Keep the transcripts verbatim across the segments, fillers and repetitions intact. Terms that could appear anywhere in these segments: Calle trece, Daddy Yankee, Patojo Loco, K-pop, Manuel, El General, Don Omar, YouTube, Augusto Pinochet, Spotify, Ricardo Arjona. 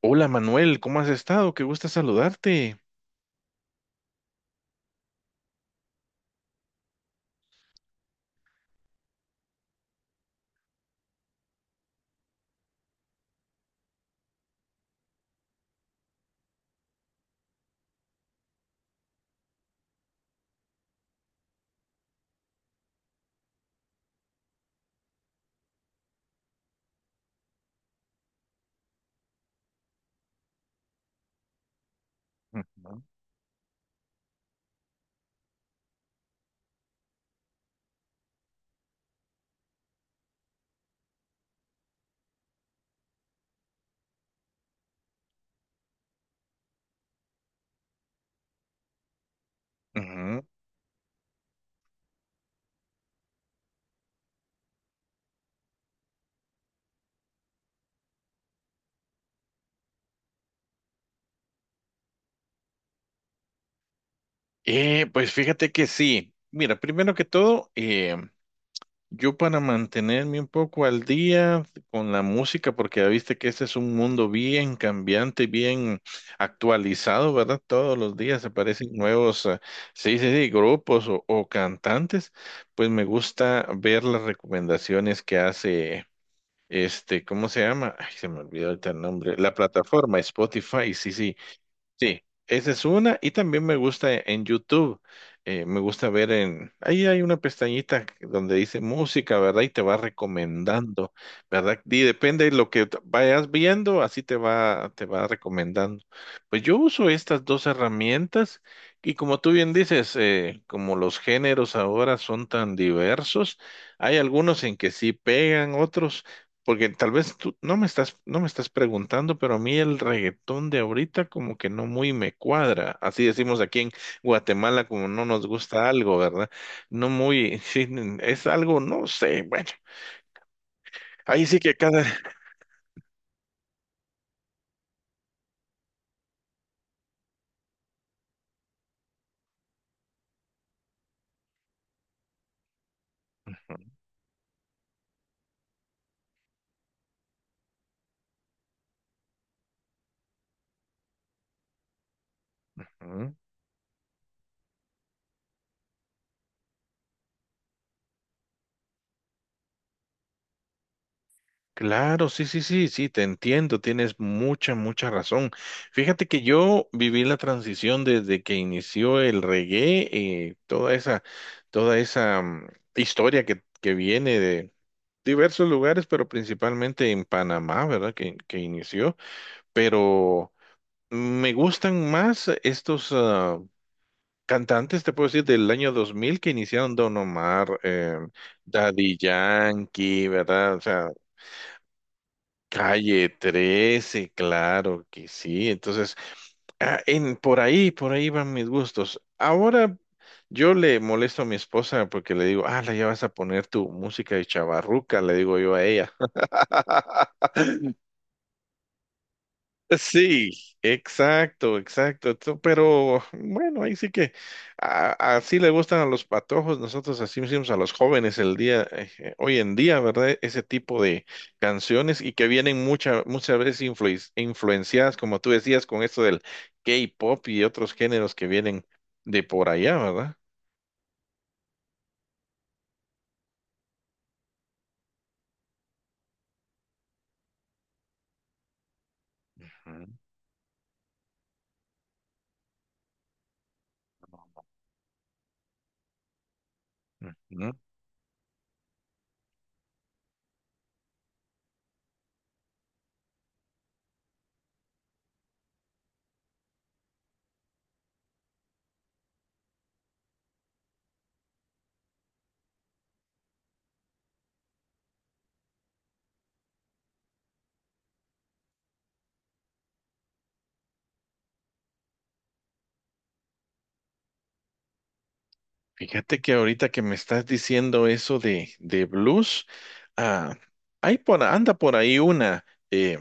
Hola Manuel, ¿cómo has estado? Qué gusto saludarte. Ujú, ujú. Eh, pues fíjate que sí. Mira, primero que todo, eh, yo para mantenerme un poco al día con la música, porque ya viste que este es un mundo bien cambiante, bien actualizado, ¿verdad? Todos los días aparecen nuevos, eh, sí, sí, sí, grupos o, o cantantes. Pues me gusta ver las recomendaciones que hace. Este, ¿cómo se llama? Ay, se me olvidó ahorita el nombre. La plataforma Spotify, sí, sí, sí. Esa es una. Y también me gusta e- en YouTube. Eh, me gusta ver en... Ahí hay una pestañita donde dice música, ¿verdad? Y te va recomendando, ¿verdad? Y depende de lo que t- vayas viendo, así te va, te va recomendando. Pues yo uso estas dos herramientas y como tú bien dices, eh, como los géneros ahora son tan diversos, hay algunos en que sí pegan, otros porque tal vez tú no me estás, no me estás preguntando, pero a mí el reggaetón de ahorita como que no muy me cuadra. Así decimos aquí en Guatemala, como no nos gusta algo, ¿verdad? No muy, sí, es algo, no sé, bueno, ahí sí que cada... Claro, sí, sí, sí, sí, te entiendo, tienes mucha, mucha razón. Fíjate que yo viví la transición desde que inició el reggae, eh, toda esa, toda esa mm, historia que, que viene de diversos lugares, pero principalmente en Panamá, ¿verdad? Que, que inició, pero me gustan más estos ah, cantantes, te puedo decir, del año dos mil que iniciaron Don Omar, eh, Daddy Yankee, ¿verdad? O sea, Calle trece, claro que sí. Entonces, ah, en, por ahí, por ahí van mis gustos. Ahora yo le molesto a mi esposa porque le digo, ah, la ya vas a poner tu música de chavarruca, le digo yo a ella. Sí, exacto, exacto. tú- Pero bueno, ahí sí que a- así le gustan a los patojos. Nosotros así hicimos a los jóvenes el día, eh, eh, hoy en día, ¿verdad? Ese tipo de canciones y que vienen mucha, muchas veces influis- influenciadas, como tú decías, con esto del K-pop y otros géneros que vienen de por allá, ¿verdad? Ujú. Fíjate que ahorita que me estás diciendo eso de, de blues, ah, hay por, anda por ahí una, eh,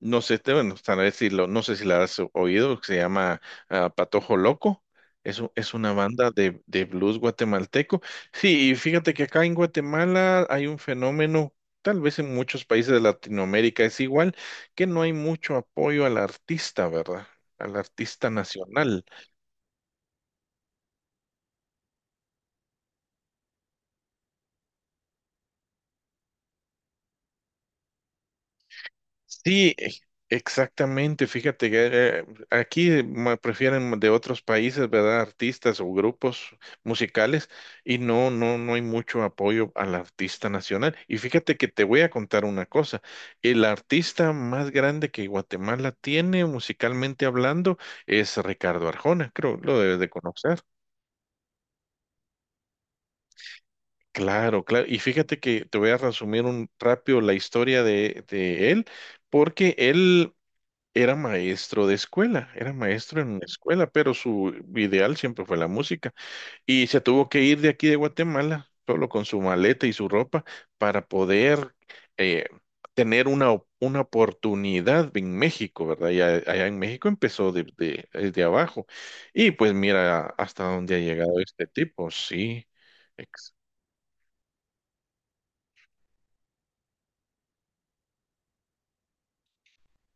no sé, te- bueno, tal vez si lo- no sé si la has oído, que se llama ah, Patojo Loco. Es, u- es una banda de, de blues guatemalteco. Sí, y fíjate que acá en Guatemala hay un fenómeno, tal vez en muchos países de Latinoamérica es igual, que no hay mucho apoyo al artista, ¿verdad? Al artista nacional. Sí, e- exactamente. Fíjate que eh, aquí me prefieren de otros países, ¿verdad? Artistas o grupos musicales y no, no, no hay mucho apoyo al artista nacional. Y fíjate que te voy a contar una cosa. El artista más grande que Guatemala tiene musicalmente hablando es Ricardo Arjona, creo, lo debes de conocer. Claro, claro. Y fíjate que te voy a resumir un rápido la historia de, de él, porque él era maestro de escuela, era maestro en una escuela, pero su ideal siempre fue la música. Y se tuvo que ir de aquí de Guatemala, solo con su maleta y su ropa, para poder eh, tener una, op- una oportunidad en México, ¿verdad? Y a- allá en México empezó de- de- desde abajo. Y pues mira hasta dónde ha llegado este tipo, sí.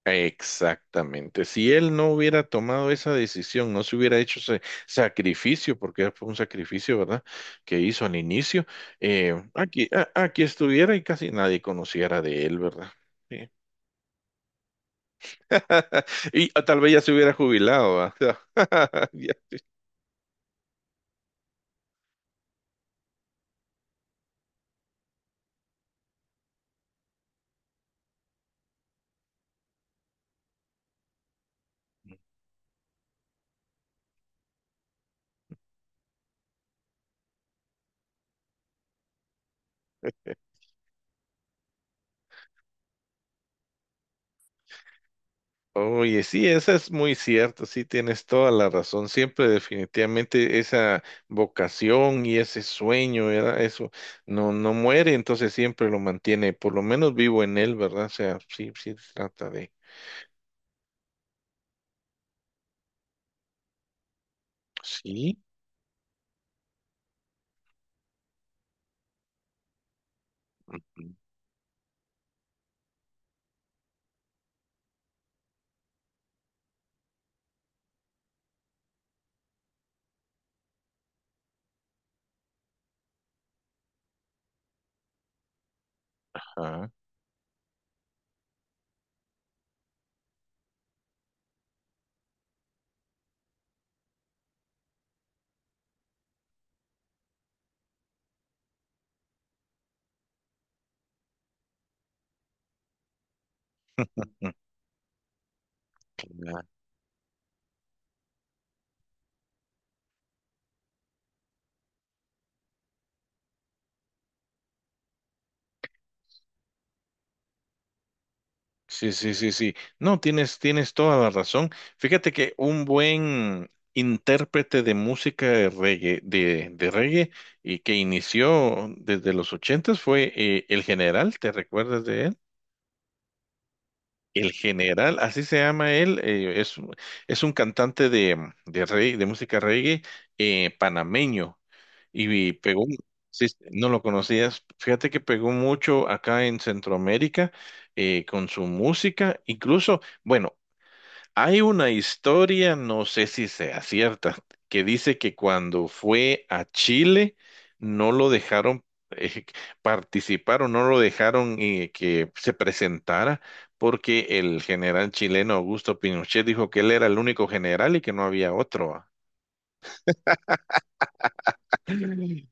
Exactamente. Si él no hubiera tomado esa decisión, no se hubiera hecho ese sacrificio, porque fue un sacrificio, ¿verdad? Que hizo al inicio, eh, aquí, a- aquí estuviera y casi nadie conociera de él, ¿verdad? Sí. Y ah, tal vez ya se hubiera jubilado, ¿verdad? Oye, sí, eso es muy cierto, sí, tienes toda la razón. Siempre definitivamente esa vocación y ese sueño, ¿verdad? Eso no, no muere, entonces siempre lo mantiene, por lo menos vivo en él, ¿verdad? O sea, sí, sí, se trata de... Sí. Ajá. Sí, sí, sí, sí. No, tienes, tienes toda la razón. Fíjate que un buen intérprete de música de reggae, de, de reggae y que inició desde los ochentas fue eh, El General, ¿te recuerdas de él? El General, así se llama él, eh, es, es un cantante de, de, reggae- de música reggae eh, panameño y pegó, sí, sí, no lo conocías, fíjate que pegó mucho acá en Centroamérica eh, con su música, incluso... Bueno, hay una historia, no sé si sea cierta, que dice que cuando fue a Chile no lo dejaron eh, participar o no lo dejaron eh, que se presentara porque el general chileno Augusto Pinochet dijo que él era el único general y que no había otro. Ah.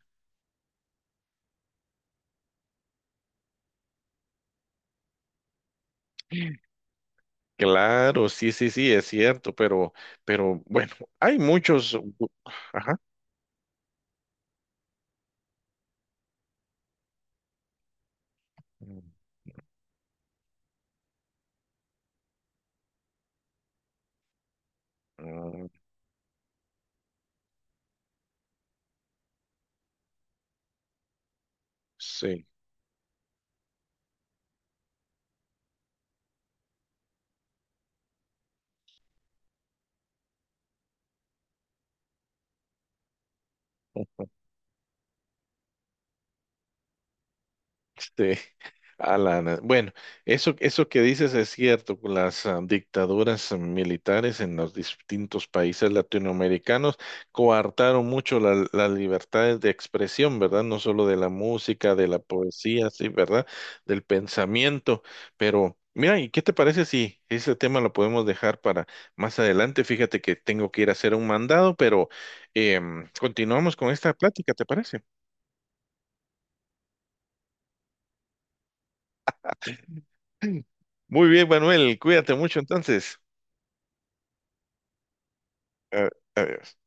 Claro, sí, sí, sí, es cierto, pero, pero bueno, hay muchos. Ajá. Mm. Sí. Sí, Alana. Bueno, eso, eso que dices es cierto, con las ah, dictaduras militares en los distintos países latinoamericanos coartaron mucho la- las libertades de expresión, ¿verdad? No solo de la música, de la poesía, sí, ¿verdad? Del pensamiento. Pero, mira, ¿y qué te parece si ese tema lo podemos dejar para más adelante? Fíjate que tengo que ir a hacer un mandado, pero em, continuamos con esta plática, ¿te parece? Muy bien, Manuel, cuídate mucho entonces. Eh, Adiós.